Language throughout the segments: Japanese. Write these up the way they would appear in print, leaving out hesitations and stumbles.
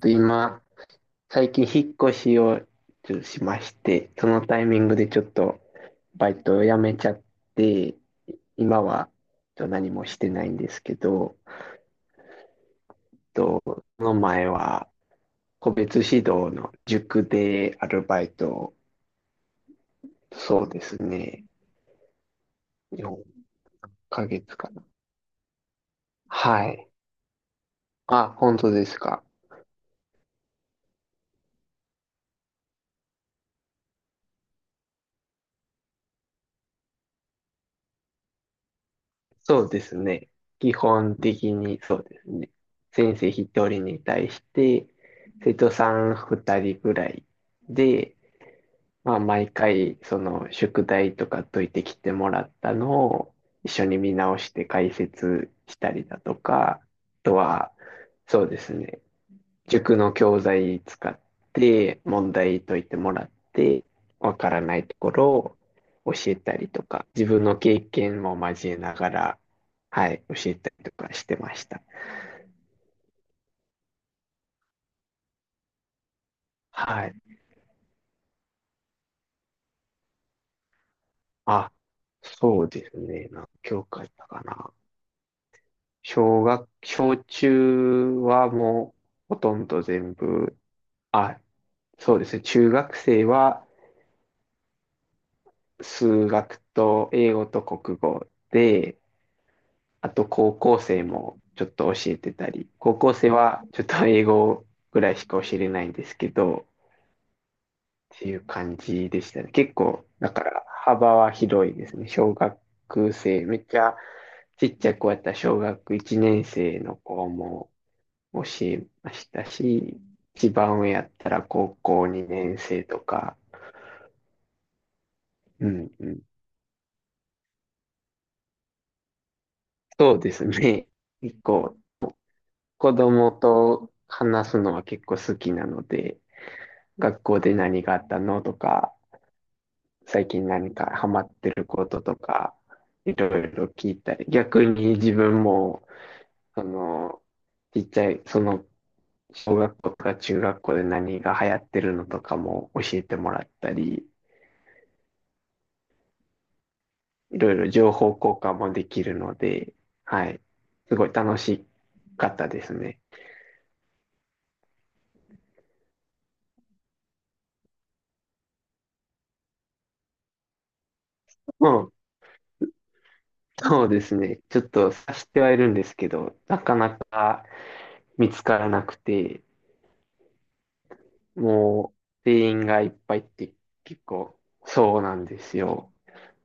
今、最近引っ越しをちょっとしまして、そのタイミングでちょっとバイトを辞めちゃって、今はちょっと何もしてないんですけど、とその前は個別指導の塾でアルバイトを、そうですね、4ヶ月かな。はい。あ、本当ですか。そうですね。基本的にそうですね。先生一人に対して、生徒さん二人ぐらいで、まあ、毎回、宿題とか解いてきてもらったのを、一緒に見直して解説したりだとか、あとは、そうですね。塾の教材使って問題解いてもらって、わからないところを教えたりとか、自分の経験も交えながら、はい、教えたりとかしてました。はい。あ、そうですね。何教科だったかな。小中はもうほとんど全部、あ、そうですね。中学生は数学と英語と国語で、あと高校生もちょっと教えてたり、高校生はちょっと英語ぐらいしか教えれないんですけど、っていう感じでしたね。結構、だから幅は広いですね。小学生、めっちゃちっちゃくやった小学1年生の子も教えましたし、一番上やったら高校2年生とか、うんうん。そうですね。結構子供と話すのは結構好きなので、学校で何があったのとか、最近何かハマってることとか、いろいろ聞いたり、逆に自分も、その、ちっちゃい、その、小学校とか中学校で何が流行ってるのとかも教えてもらったり、いろいろ情報交換もできるので、はい、すごい楽しかったですね。うん、そうですね。ちょっと察してはいるんですけど、なかなか見つからなくて、もう、店員がいっぱいって結構、そうなんですよ。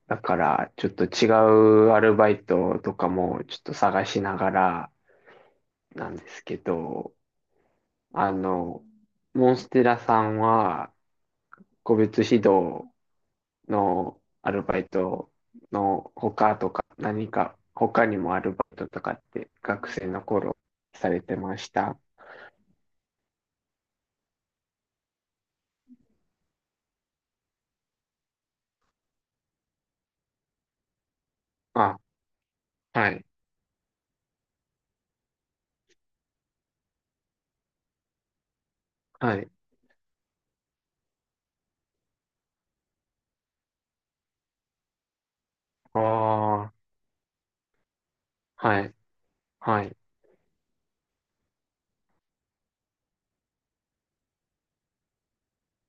だから、ちょっと違うアルバイトとかもちょっと探しながらなんですけど、あの、モンステラさんは、個別指導のアルバイトの他とか、何か他にもアルバイトとかって学生の頃されてました？あ、はい、はい、ああ、はい、はい、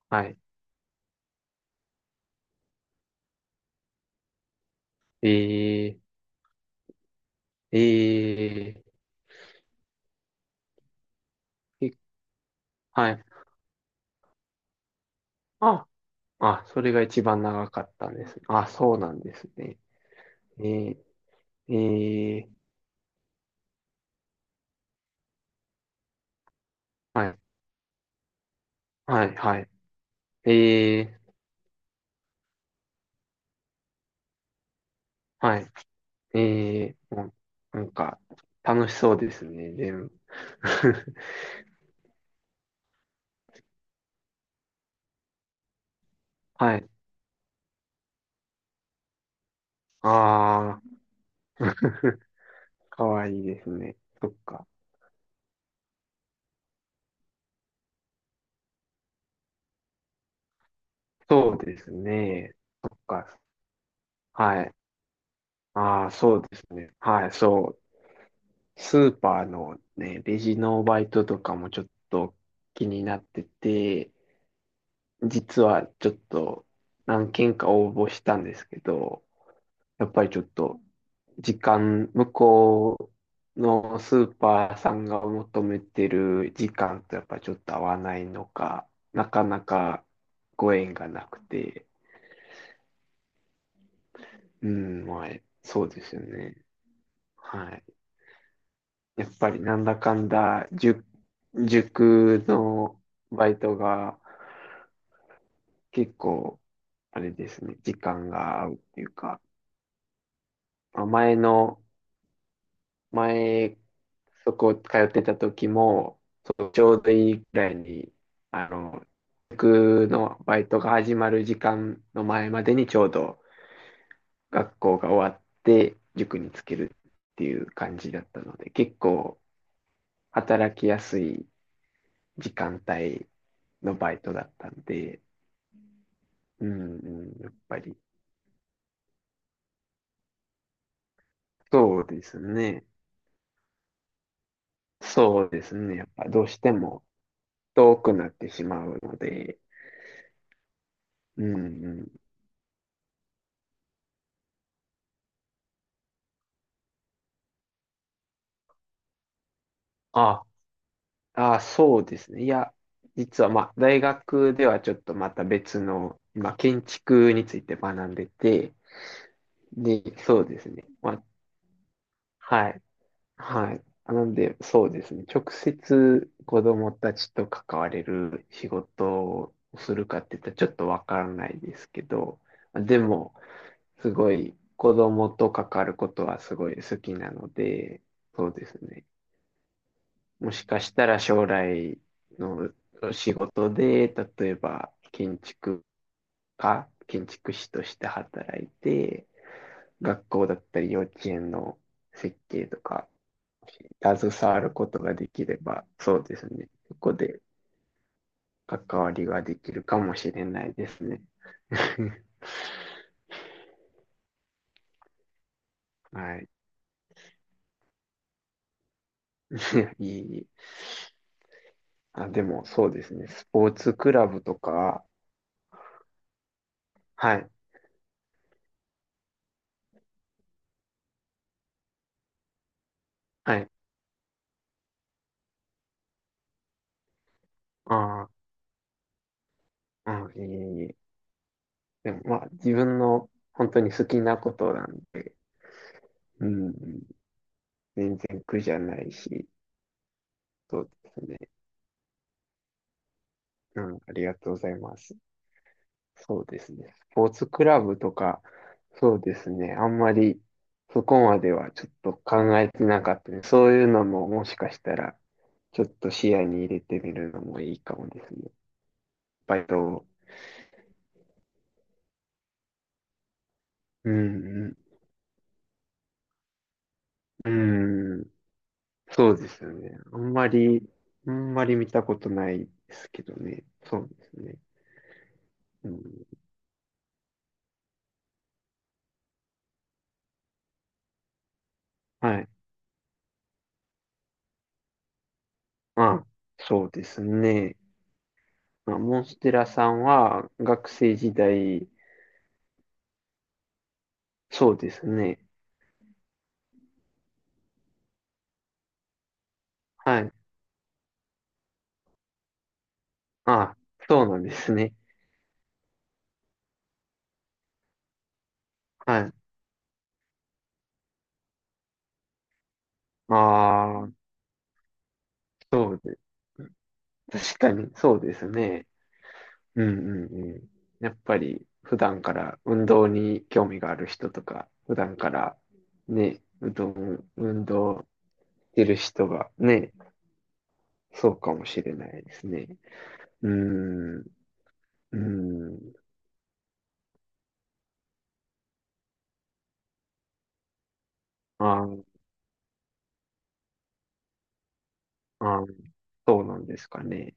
はい。えーえええはい。あ、あ、それが一番長かったんですね。あ、そうなんですね。ええええはい、はい、はい。ええはい、ええうんなんか、楽しそうですね、全部。はい。ああ、かわいいですね。そっか。そうですね。そっか。はい。ああ、そうですね。はい、そう。スーパーのね、レジのバイトとかもちょっと気になってて、実はちょっと何件か応募したんですけど、やっぱりちょっと時間、向こうのスーパーさんが求めてる時間とやっぱりちょっと合わないのか、なかなかご縁がなくて、うん、まあ、そうですよね。はい。やっぱりなんだかんだ、塾のバイトが結構、あれですね、時間が合うっていうか、まあ前、そこ通ってた時も、そうちょうどいいぐらいに、あの、塾のバイトが始まる時間の前までにちょうど学校が終わって、塾につけるっていう感じだったので、結構働きやすい時間帯のバイトだったんで、うんうん、やっぱり、そうですね。そうですね。やっぱどうしても遠くなってしまうので、うんうん。あ、あ、そうですね。いや、実はまあ、大学ではちょっとまた別の、今、建築について学んでて、で、そうですね。まあ、はい。はい。なんで、そうですね。直接子供たちと関われる仕事をするかって言ったらちょっとわからないですけど、でも、すごい子供と関わることはすごい好きなので、そうですね。もしかしたら将来の仕事で、例えば建築士として働いて、学校だったり幼稚園の設計とか、携わることができれば、そうですね。そこで関わりができるかもしれないですね。はい。いいいあ、でも、そうですね。スポーツクラブとか、はい。はい。ああ、うん、いいいい。でも、まあ、自分の本当に好きなことなんで、うん、全然苦じゃないし、そうですね。うん、ありがとうございます。そうですね。スポーツクラブとか、そうですね。あんまりそこまではちょっと考えてなかったね。そういうのももしかしたら、ちょっと視野に入れてみるのもいいかもですね。バイトを。うん、うん、うん、そうですよね。あんまり見たことないですけどね。そうですね。うん、はい。まあ、そうですね。まあ、モンステラさんは学生時代、そうですね。はい。あ、そうなんですね。はい。ああ、そうで、確かに、そうですね。うんうんうん。やっぱり、普段から運動に興味がある人とか、普段からね、運動してる人がね、そうかもしれないですね。うん、うん。あーあー、そうなんですかね。